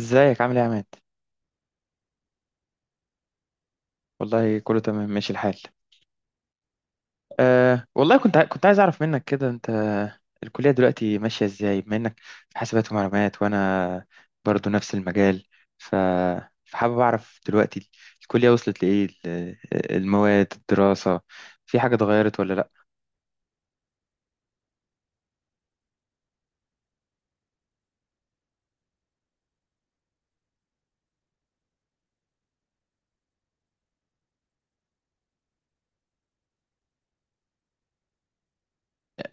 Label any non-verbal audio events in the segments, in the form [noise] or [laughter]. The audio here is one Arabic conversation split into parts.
ازيك عامل ايه يا عماد؟ والله كله تمام ماشي الحال. أه والله كنت ع- كنت عايز اعرف منك كده. انت الكلية دلوقتي ماشية ازاي بما انك في حاسبات ومعلومات، وانا برضو نفس المجال؟ ف فحابب اعرف دلوقتي الكلية وصلت لايه. المواد الدراسة في حاجة اتغيرت ولا لا؟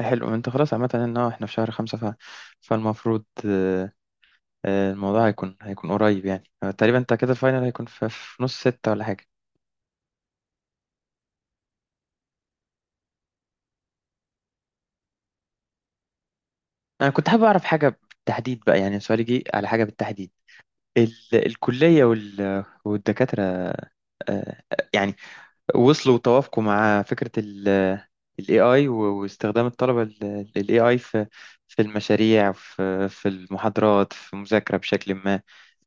حلو. انت خلاص، عامة ان هو احنا في شهر خمسة، فالمفروض الموضوع هيكون قريب يعني. تقريبا انت كده الفاينل هيكون في نص ستة ولا حاجة؟ انا كنت حابب اعرف حاجه بالتحديد بقى، يعني سؤالي جه على حاجه بالتحديد. الكليه والدكاتره، آه، يعني، وصلوا وتوافقوا مع فكره ال AI واستخدام الطلبه لل AI في في المشاريع، في المحاضرات، في المذاكره بشكل ما.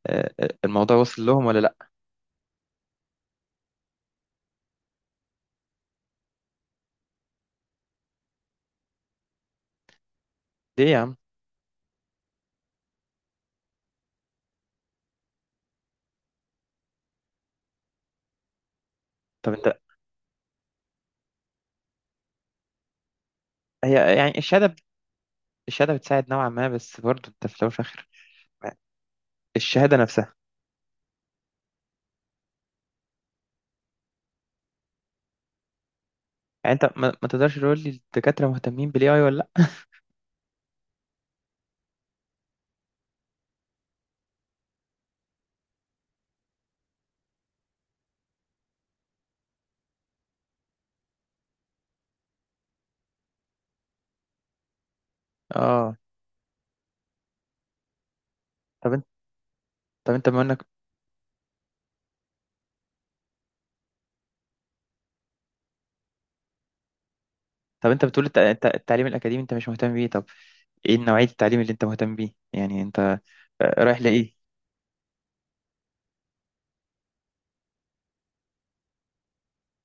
الموضوع وصل لهم ولا لا؟ ليه يا عم؟ طب انت، هي يعني الشهاده، الشهاده بتساعد نوعا ما، بس برضه انت في الاول وفي الاخر الشهاده نفسها. يعني انت ما تقدرش تقول لي الدكاتره مهتمين بالاي اي ولا لا؟ اه. طب انت، طب انت بما انك، طب انت بتقول التعليم الاكاديمي انت مش مهتم بيه، طب ايه نوعية التعليم اللي انت مهتم بيه؟ يعني انت رايح لايه؟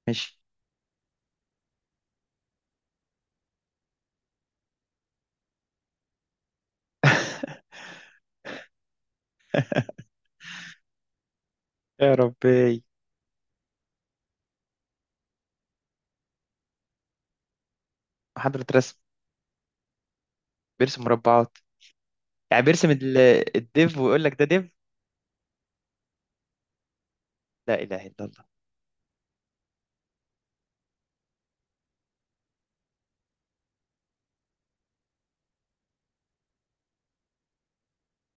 ماشي. [laughs] يا ربي! محاضرة رسم! بيرسم مربعات، يعني بيرسم الديف ويقول لك ده ديف. لا إله إلا الله.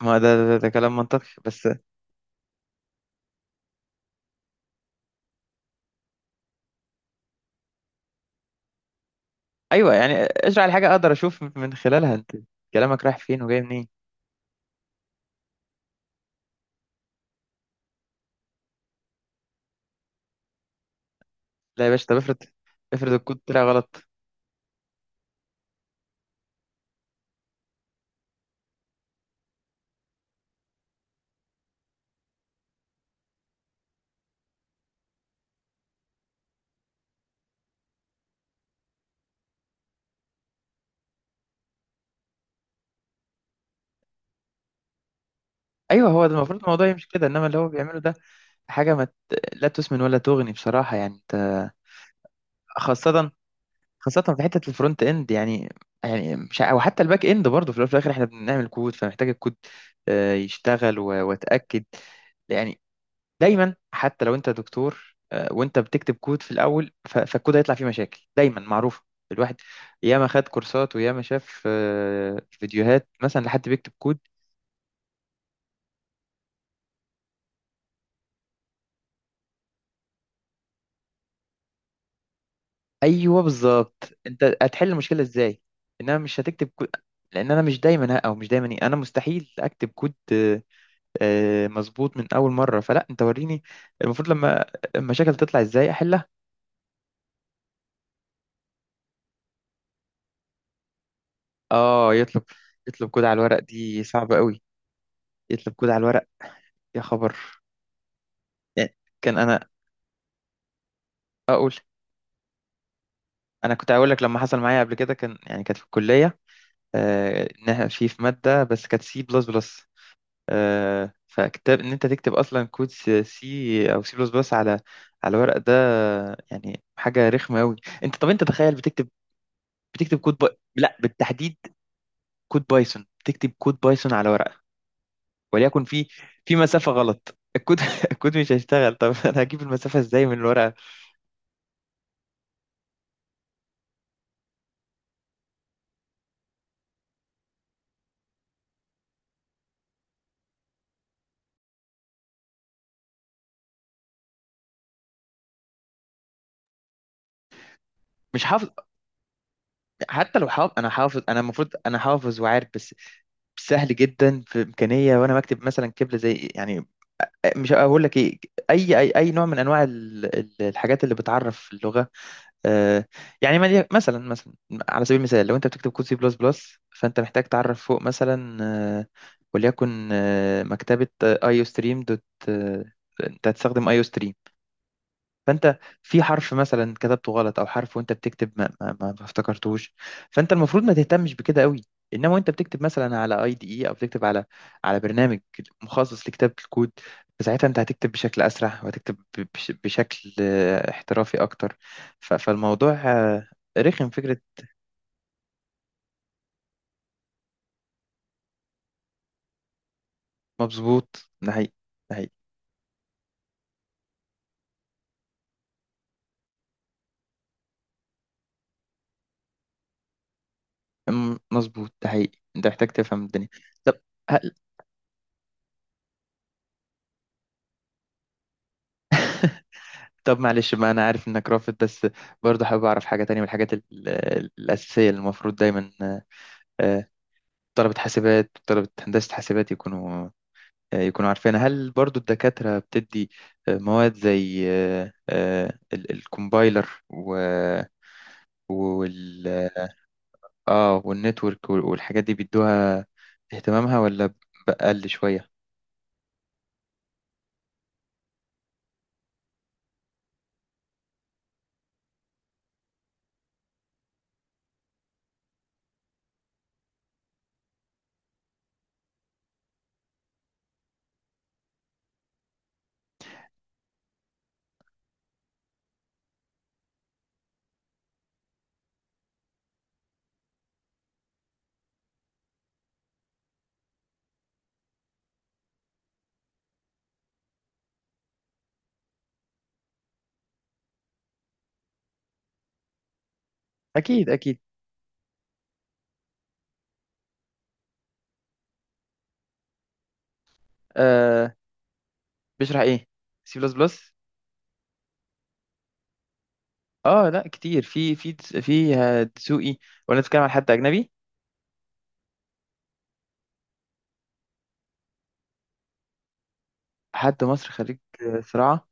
ما ده كلام منطقي بس. أيوه، يعني اشرح الحاجة، أقدر أشوف من خلالها أنت كلامك رايح فين وجاي منين. لا يا باشا، طب افرض، افرض الكود طلع غلط. أيوه، هو ده المفروض الموضوع يمشي كده، إنما اللي هو بيعمله ده حاجة ما ت- لا تسمن ولا تغني بصراحة. يعني أنت خاصة، خاصة في حتة الفرونت اند، يعني يعني مش ع- او حتى الباك اند برضه، في الأول وفي الاخر احنا بنعمل كود، فمحتاج الكود يشتغل واتاكد يعني. دايما، حتى لو انت دكتور وانت بتكتب كود في الاول فالكود هيطلع فيه مشاكل دايما معروفة. الواحد ياما خد كورسات وياما شاف فيديوهات مثلا لحد بيكتب كود. ايوه، بالظبط، انت هتحل المشكلة ازاي. انما مش هتكتب كود، لان انا مش دايما ه- او مش دايما إيه، انا مستحيل اكتب كود مظبوط من اول مره، فلا انت وريني المفروض لما المشاكل تطلع ازاي احلها. اه، يطلب، يطلب كود على الورق دي صعبه قوي. يطلب كود على الورق؟ يا خبر! يعني كان انا اقول، انا كنت هقول لك لما حصل معايا قبل كده، كان يعني كانت في الكليه انها في ماده بس كانت سي بلس بلس، فكتاب ان انت تكتب اصلا كود سي او سي بلس بلس على على ورق، ده يعني حاجه رخمه قوي. انت طب انت تخيل بتكتب، بتكتب كود لا بالتحديد، كود بايثون. تكتب كود بايثون على ورقة، وليكن في في مسافة غلط، الكود [laughs] الكود مش هيشتغل. طب [laughs] انا هجيب المسافة ازاي من الورقة؟ مش حافظ. حتى لو حافظ، انا حافظ، انا المفروض انا حافظ وعارف، بس سهل جدا في امكانيه وانا بكتب مثلا كبله زي يعني، مش هقول لك ايه، اي نوع من انواع الحاجات اللي بتعرف اللغه آه، يعني مثلا، على سبيل المثال، لو انت بتكتب كود سي بلس بلس فانت محتاج تعرف فوق مثلا آه، وليكن مكتبة ايو ستريم دوت آه، انت هتستخدم ايو، فانت في حرف مثلا كتبته غلط، او حرف وانت بتكتب ما افتكرتهوش، فانت المفروض ما تهتمش بكده قوي. انما وانت بتكتب مثلا على اي دي اي، او بتكتب على على برنامج مخصص لكتابه الكود، فساعتها انت هتكتب بشكل اسرع، وهتكتب بشكل احترافي اكتر. فالموضوع رخم فكره. مظبوط، ده حقيقي، ده حقيقي. مظبوط، ده حقيقي، انت محتاج تفهم الدنيا. طب، طب معلش بقى، انا عارف انك رافض، بس برضه حابب اعرف حاجه تانية من الحاجات الاساسيه اللي المفروض دايما آه، طلبه حاسبات، طلبه هندسه حاسبات يكونوا يكونوا عارفينها. هل برضه الدكاتره بتدي مواد زي الكومبايلر و- وال اه والنتورك والحاجات دي، بيدوها اهتمامها ولا بقل شويه؟ اكيد، اكيد. آه، بيشرح ايه؟ سي بلس بلس؟ اه لا، كتير، في دسوقي، ولا نتكلم عن حد اجنبي؟ حد مصري خريج زراعه،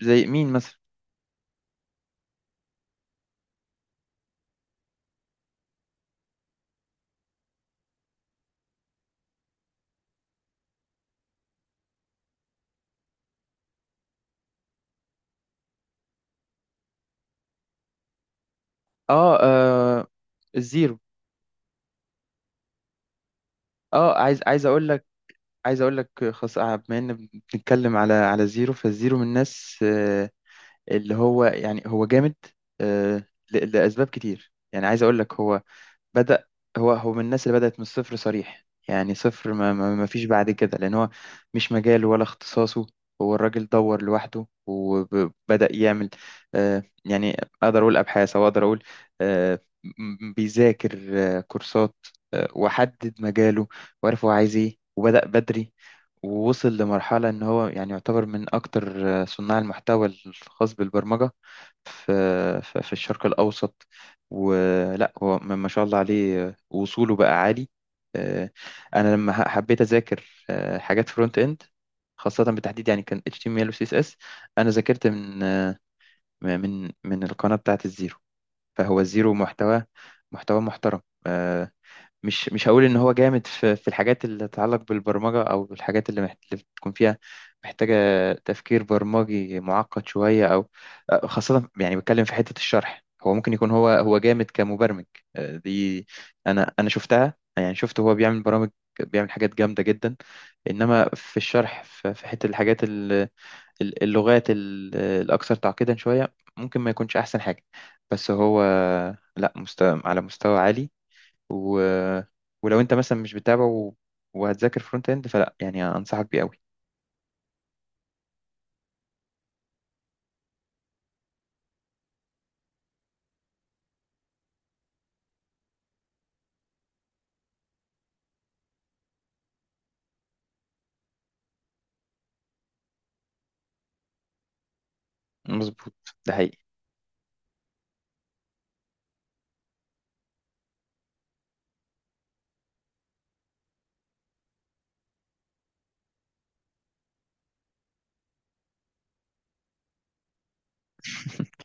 زي مين مثلا؟ اه، الزيرو. اه، عايز، عايز اقول لك، عايز اقول لك خاص بما ان بنتكلم على على زيرو. فالزيرو من الناس اللي هو يعني هو جامد آه، لاسباب كتير. يعني عايز اقول لك، هو بدأ، هو من الناس اللي بدأت من الصفر صريح، يعني صفر، ما, ما, ما فيش بعد كده، لأن هو مش مجاله ولا اختصاصه. هو الراجل دور لوحده وبدأ يعمل آه يعني، أقدر أقول أبحاث، أو أقدر أقول آه بيذاكر آه كورسات آه، وحدد مجاله وعرف هو عايز إيه وبدأ بدري، ووصل لمرحلة إن هو يعني يعتبر من أكتر صناع المحتوى الخاص بالبرمجة في في الشرق الأوسط. ولا هو ما شاء الله عليه، وصوله بقى عالي. آه، انا لما حبيت اذاكر حاجات فرونت اند خاصة، بالتحديد يعني كان HTML و CSS، انا ذاكرت من من القناة بتاعت الزيرو. فهو الزيرو محتوى، محتوى محترم. آه، مش هقول ان هو جامد في الحاجات اللي تتعلق بالبرمجه، او الحاجات اللي بتكون فيها محتاجه تفكير برمجي معقد شويه، او خاصه يعني بتكلم في حته الشرح. هو ممكن يكون، هو جامد كمبرمج دي. انا، انا شفتها، يعني شفت هو بيعمل برامج، بيعمل حاجات جامده جدا. انما في الشرح، في في حته الحاجات اللغات الاكثر تعقيدا شويه ممكن ما يكونش احسن حاجه. بس هو لا، مستوى على مستوى عالي، و... ولو انت مثلا مش بتتابع وهتذاكر فرونت اند، فلا يعني انصحك بيه قوي. مظبوط، ده حقيقي. [laughs]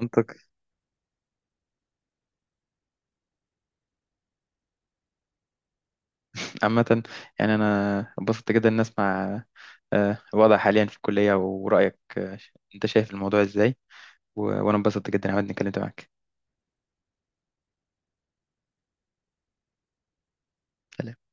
منطقي. عامة، يعني أنا اتبسطت جدا إن أسمع الوضع حاليا في الكلية ورأيك أنت شايف الموضوع إزاي، وأنا اتبسطت جدا عمال إني اتكلمت معاك. سلام.